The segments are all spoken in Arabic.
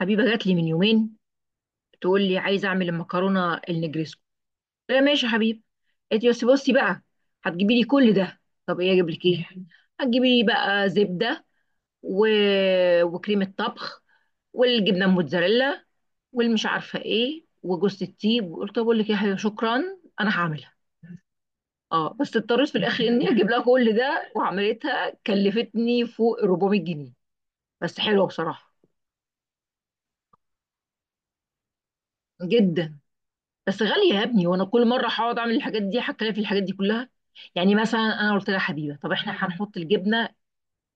حبيبه جات لي من يومين، تقول لي عايزه اعمل المكرونه النجريسكو. قلت لها ماشي يا حبيبي. قالت لي بس بصي بقى، هتجيبي لي كل ده؟ طب ايه اجيب لك ايه؟ هتجيبي لي بقى زبده و... وكريمه طبخ، والجبنه الموتزاريلا، والمش عارفه ايه وجوز الطيب. قلت طب اقول لك ايه يا حبيبي، شكرا انا هعملها. اه، بس اضطريت في الاخر اني اجيب لها كل ده، وعملتها كلفتني فوق 400 جنيه. بس حلوه بصراحه، جدا. بس غالية يا ابني، وانا كل مرة هقعد اعمل الحاجات دي هتكلف في الحاجات دي كلها. يعني مثلا انا قلت لها حبيبة، طب احنا هنحط الجبنة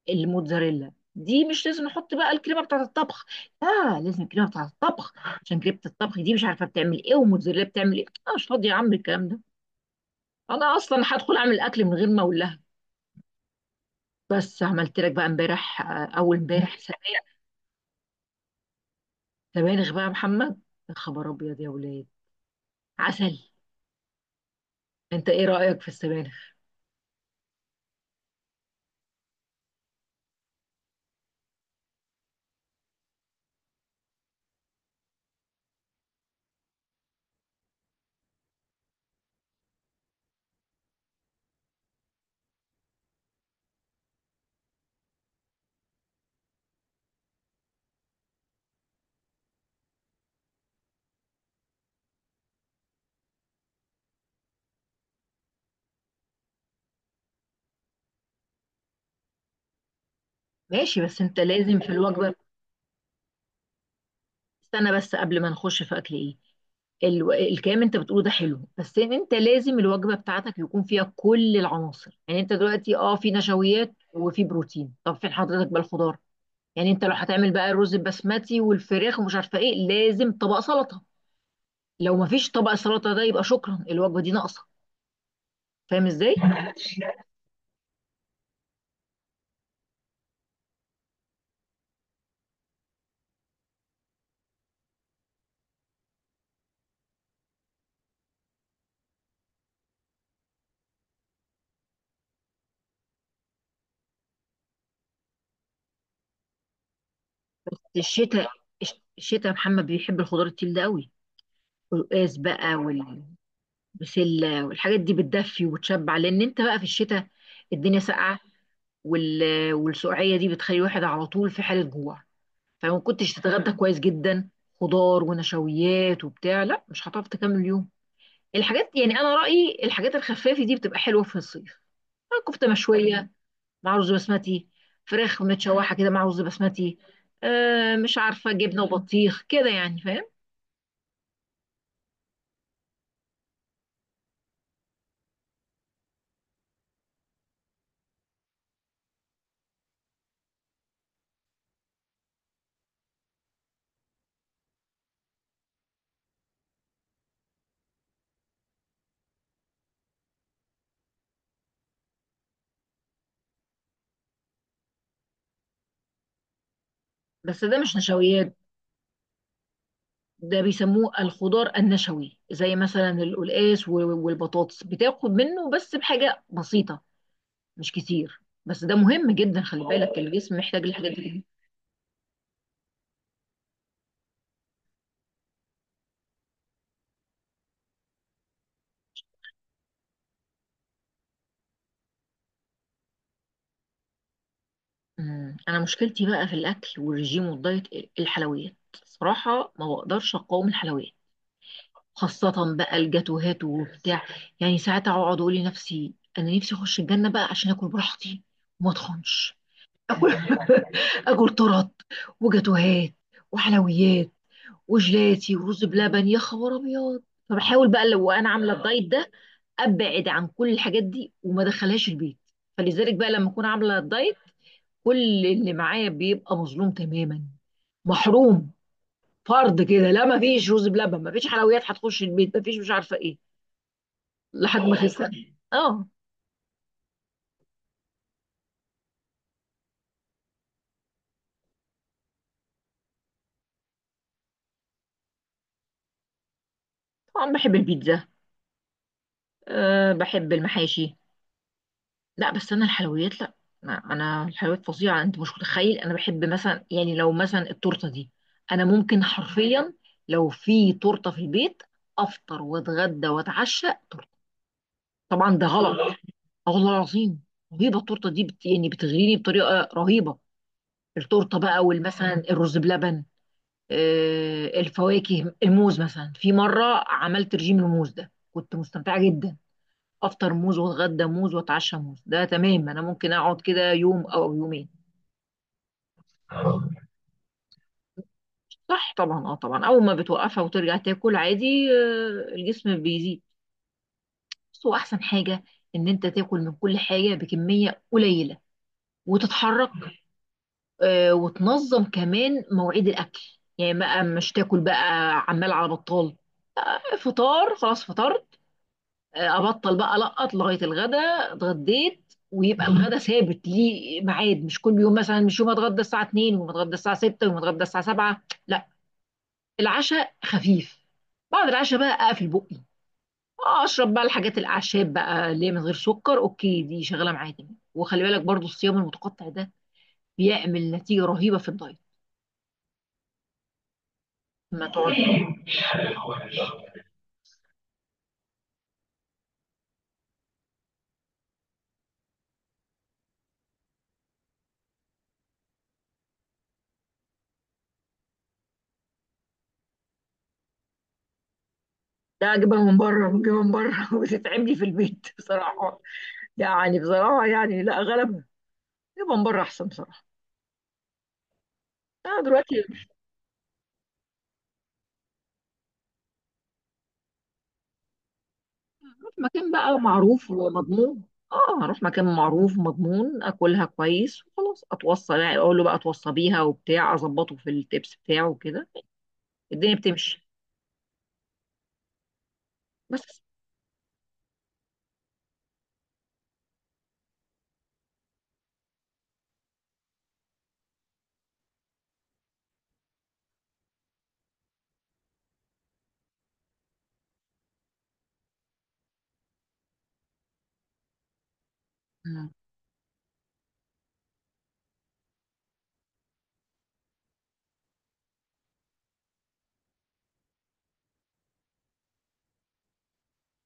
الموتزاريلا دي، مش لازم نحط بقى الكريمة بتاعة الطبخ؟ لا، لازم الكريمة بتاعة الطبخ. عشان كريمة الطبخ دي مش عارفة بتعمل ايه والموتزاريلا بتعمل ايه، انا مش فاضية يا عم الكلام ده. انا اصلا هدخل اعمل اكل من غير ما اقول لها. بس عملت لك بقى امبارح، اول امبارح، سبانخ. سبانخ بقى يا محمد، يا خبر ابيض يا ولاد. عسل. انت ايه رأيك في السبانخ؟ ماشي، بس انت لازم في الوجبة. استنى بس قبل ما نخش في اكل ايه. الكلام انت بتقوله ده حلو، بس انت لازم الوجبه بتاعتك يكون فيها كل العناصر. يعني انت دلوقتي اه في نشويات وفي بروتين، طب فين حضرتك بقى الخضار؟ يعني انت لو هتعمل بقى الرز البسمتي والفراخ ومش عارفه ايه، لازم طبق سلطه. لو ما فيش طبق سلطه، ده يبقى شكرا الوجبه دي ناقصه. فاهم ازاي؟ الشتاء، الشتاء يا محمد بيحب الخضار التقيل ده قوي. القلقاس بقى والبسله والحاجات دي بتدفي وتشبع، لان انت بقى في الشتاء الدنيا ساقعه، وال... والسقعيه دي بتخلي الواحد على طول في حاله جوع. فما كنتش تتغدى كويس جدا خضار ونشويات وبتاع، لا مش هتعرف تكمل اليوم. الحاجات، يعني انا رايي الحاجات الخفافه دي بتبقى حلوه في الصيف. كفته مشويه مع رز بسمتي، فراخ متشوحه كده مع رز بسمتي، مش عارفه، جبنه وبطيخ كده يعني، فاهم؟ بس ده مش نشويات، ده بيسموه الخضار النشوي، زي مثلا القلقاس والبطاطس، بتاخد منه بس بحاجه بسيطه، مش كتير. بس ده مهم جدا، خلي بالك، يعني الجسم محتاج الحاجات دي جداً. انا مشكلتي بقى في الاكل والرجيم والدايت، الحلويات. صراحة ما بقدرش اقاوم الحلويات. خاصة بقى الجاتوهات وبتاع. يعني ساعات اقعد اقول لنفسي انا نفسي اخش الجنة بقى عشان اكل براحتي وما اتخنش. اكل اكل طرط، وجاتوهات، وحلويات، وجلاتي، ورز بلبن، يا خبر ابيض. فبحاول بقى لو انا عامله الدايت ده ابعد عن كل الحاجات دي وما ادخلهاش البيت. فلذلك بقى لما اكون عامله الدايت، كل اللي معايا بيبقى مظلوم تماما، محروم. فرض كده لا، ما فيش رز بلبن، ما فيش حلويات هتخش البيت، ما فيش مش عارفه ايه، لحد ما خسر. اه، طبعا بحب البيتزا، أه بحب المحاشي. لا، بس انا الحلويات لا. انا الحلويات فظيعه، انت مش متخيل. انا بحب مثلا يعني لو مثلا التورته دي، انا ممكن حرفيا لو في تورته في البيت افطر واتغدى واتعشى. طبعا ده غلط. اه والله العظيم، رهيبه التورته دي، يعني بتغريني بطريقه رهيبه. التورته بقى والمثلا الرز بلبن، الفواكه، الموز مثلا، في مره عملت رجيم الموز ده، كنت مستمتعه جدا. افطر موز واتغدى موز واتعشى موز، ده تمام، انا ممكن اقعد كده يوم او يومين. صح، طبعا، اه طبعا. اول ما بتوقفها وترجع تاكل عادي، الجسم بيزيد. بس هو احسن حاجه ان انت تاكل من كل حاجه بكميه قليله وتتحرك، وتنظم كمان مواعيد الاكل. يعني بقى مش تاكل بقى عمال على بطال. فطار خلاص فطرت، ابطل بقى لقط لغايه الغدا. اتغديت، ويبقى الغدا ثابت ليه ميعاد، مش كل يوم مثلا، مش يوم اتغدى الساعه 2 ويوم اتغدى الساعه 6 ويوم اتغدى الساعه 7. لا، العشاء خفيف. بعد العشاء بقى اقفل بقي، اشرب بقى الحاجات الاعشاب بقى اللي هي من غير سكر، اوكي، دي شغاله معايا تمام. وخلي بالك برضو الصيام المتقطع ده بيعمل نتيجه رهيبه في الدايت. ما تقعد. لا، اجيبها من بره، بجيبها من بره وتتعب لي في البيت بصراحه. يعني بصراحه، يعني لا، غلب. اجيبها من بره احسن بصراحه. انا دلوقتي بشوف مكان بقى معروف ومضمون. اه، اروح مكان معروف ومضمون اكلها كويس وخلاص اتوصى، يعني اقول له بقى اتوصى بيها وبتاع، اظبطه في التبس بتاعه وكده. الدنيا بتمشي. بس. مم.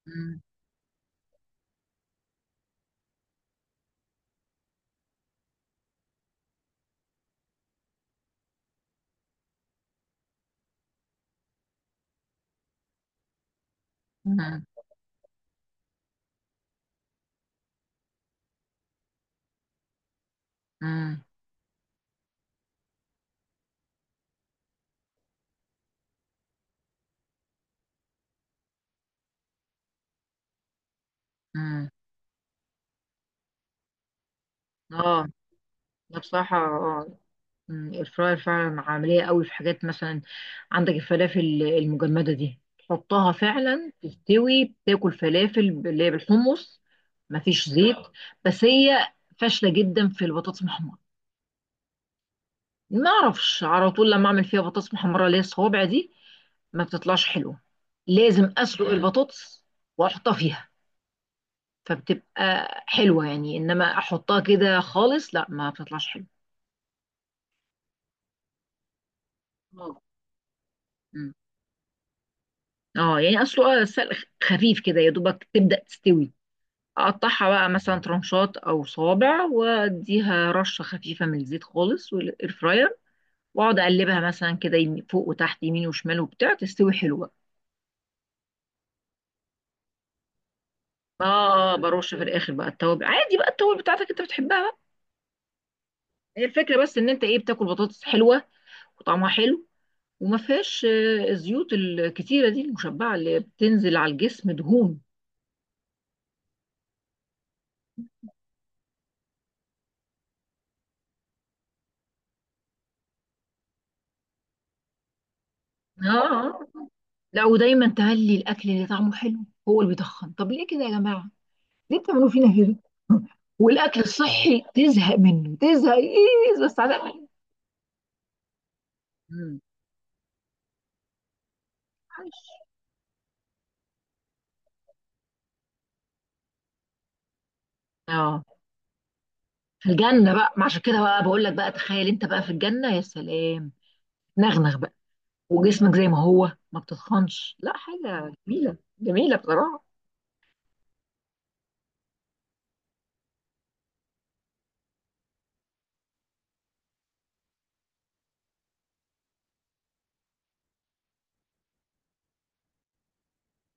مم. مم. مم. مم. اه، ده بصراحه آه. الفراير فعلا عملية قوي في حاجات، مثلا عندك الفلافل المجمدة دي تحطها فعلا تستوي، تاكل فلافل اللي هي بالحمص مفيش زيت. بس هي فاشلة جدا في البطاطس المحمرة. ما اعرفش، على طول لما اعمل فيها بطاطس محمرة اللي هي الصوابع دي ما بتطلعش حلوة. لازم اسلق البطاطس واحطها فيها، فبتبقى حلوة. يعني انما احطها كده خالص لا ما بتطلعش حلوة. مم. اه، يعني اصله سلق خفيف كده يا دوبك تبدأ تستوي، اقطعها بقى مثلا ترنشات او صوابع، واديها رشه خفيفه من الزيت خالص والاير فراير، واقعد اقلبها مثلا كده، فوق وتحت، يمين وشمال وبتاع، تستوي حلوه. اه، برش في الاخر بقى التوابل، عادي بقى التوابل بتاعتك انت بتحبها بقى. هي الفكره بس ان انت ايه، بتاكل بطاطس حلوه وطعمها حلو وما فيهاش الزيوت الكتيره دي المشبعه اللي بتنزل على الجسم دهون. اه، آه. لا، ودايما تهلي الاكل اللي طعمه حلو هو اللي بيتخن. طب ليه كده يا جماعه، ليه بتعملوا فينا كده؟ والاكل الصحي تزهق منه، تزهق ايه بس على منه. مم. عايش. اه، في الجنه بقى، ما عشان كده بقى بقول لك بقى، تخيل انت بقى في الجنه يا سلام. نغنغ بقى وجسمك زي ما هو ما بتتخنش، لا حاجه جميله، جميله بصراحه.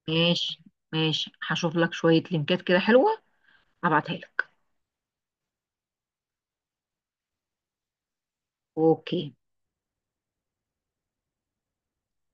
ماشي، ماشي هشوف لك شويه لينكات كده حلوه، هبعتها لك. اوكي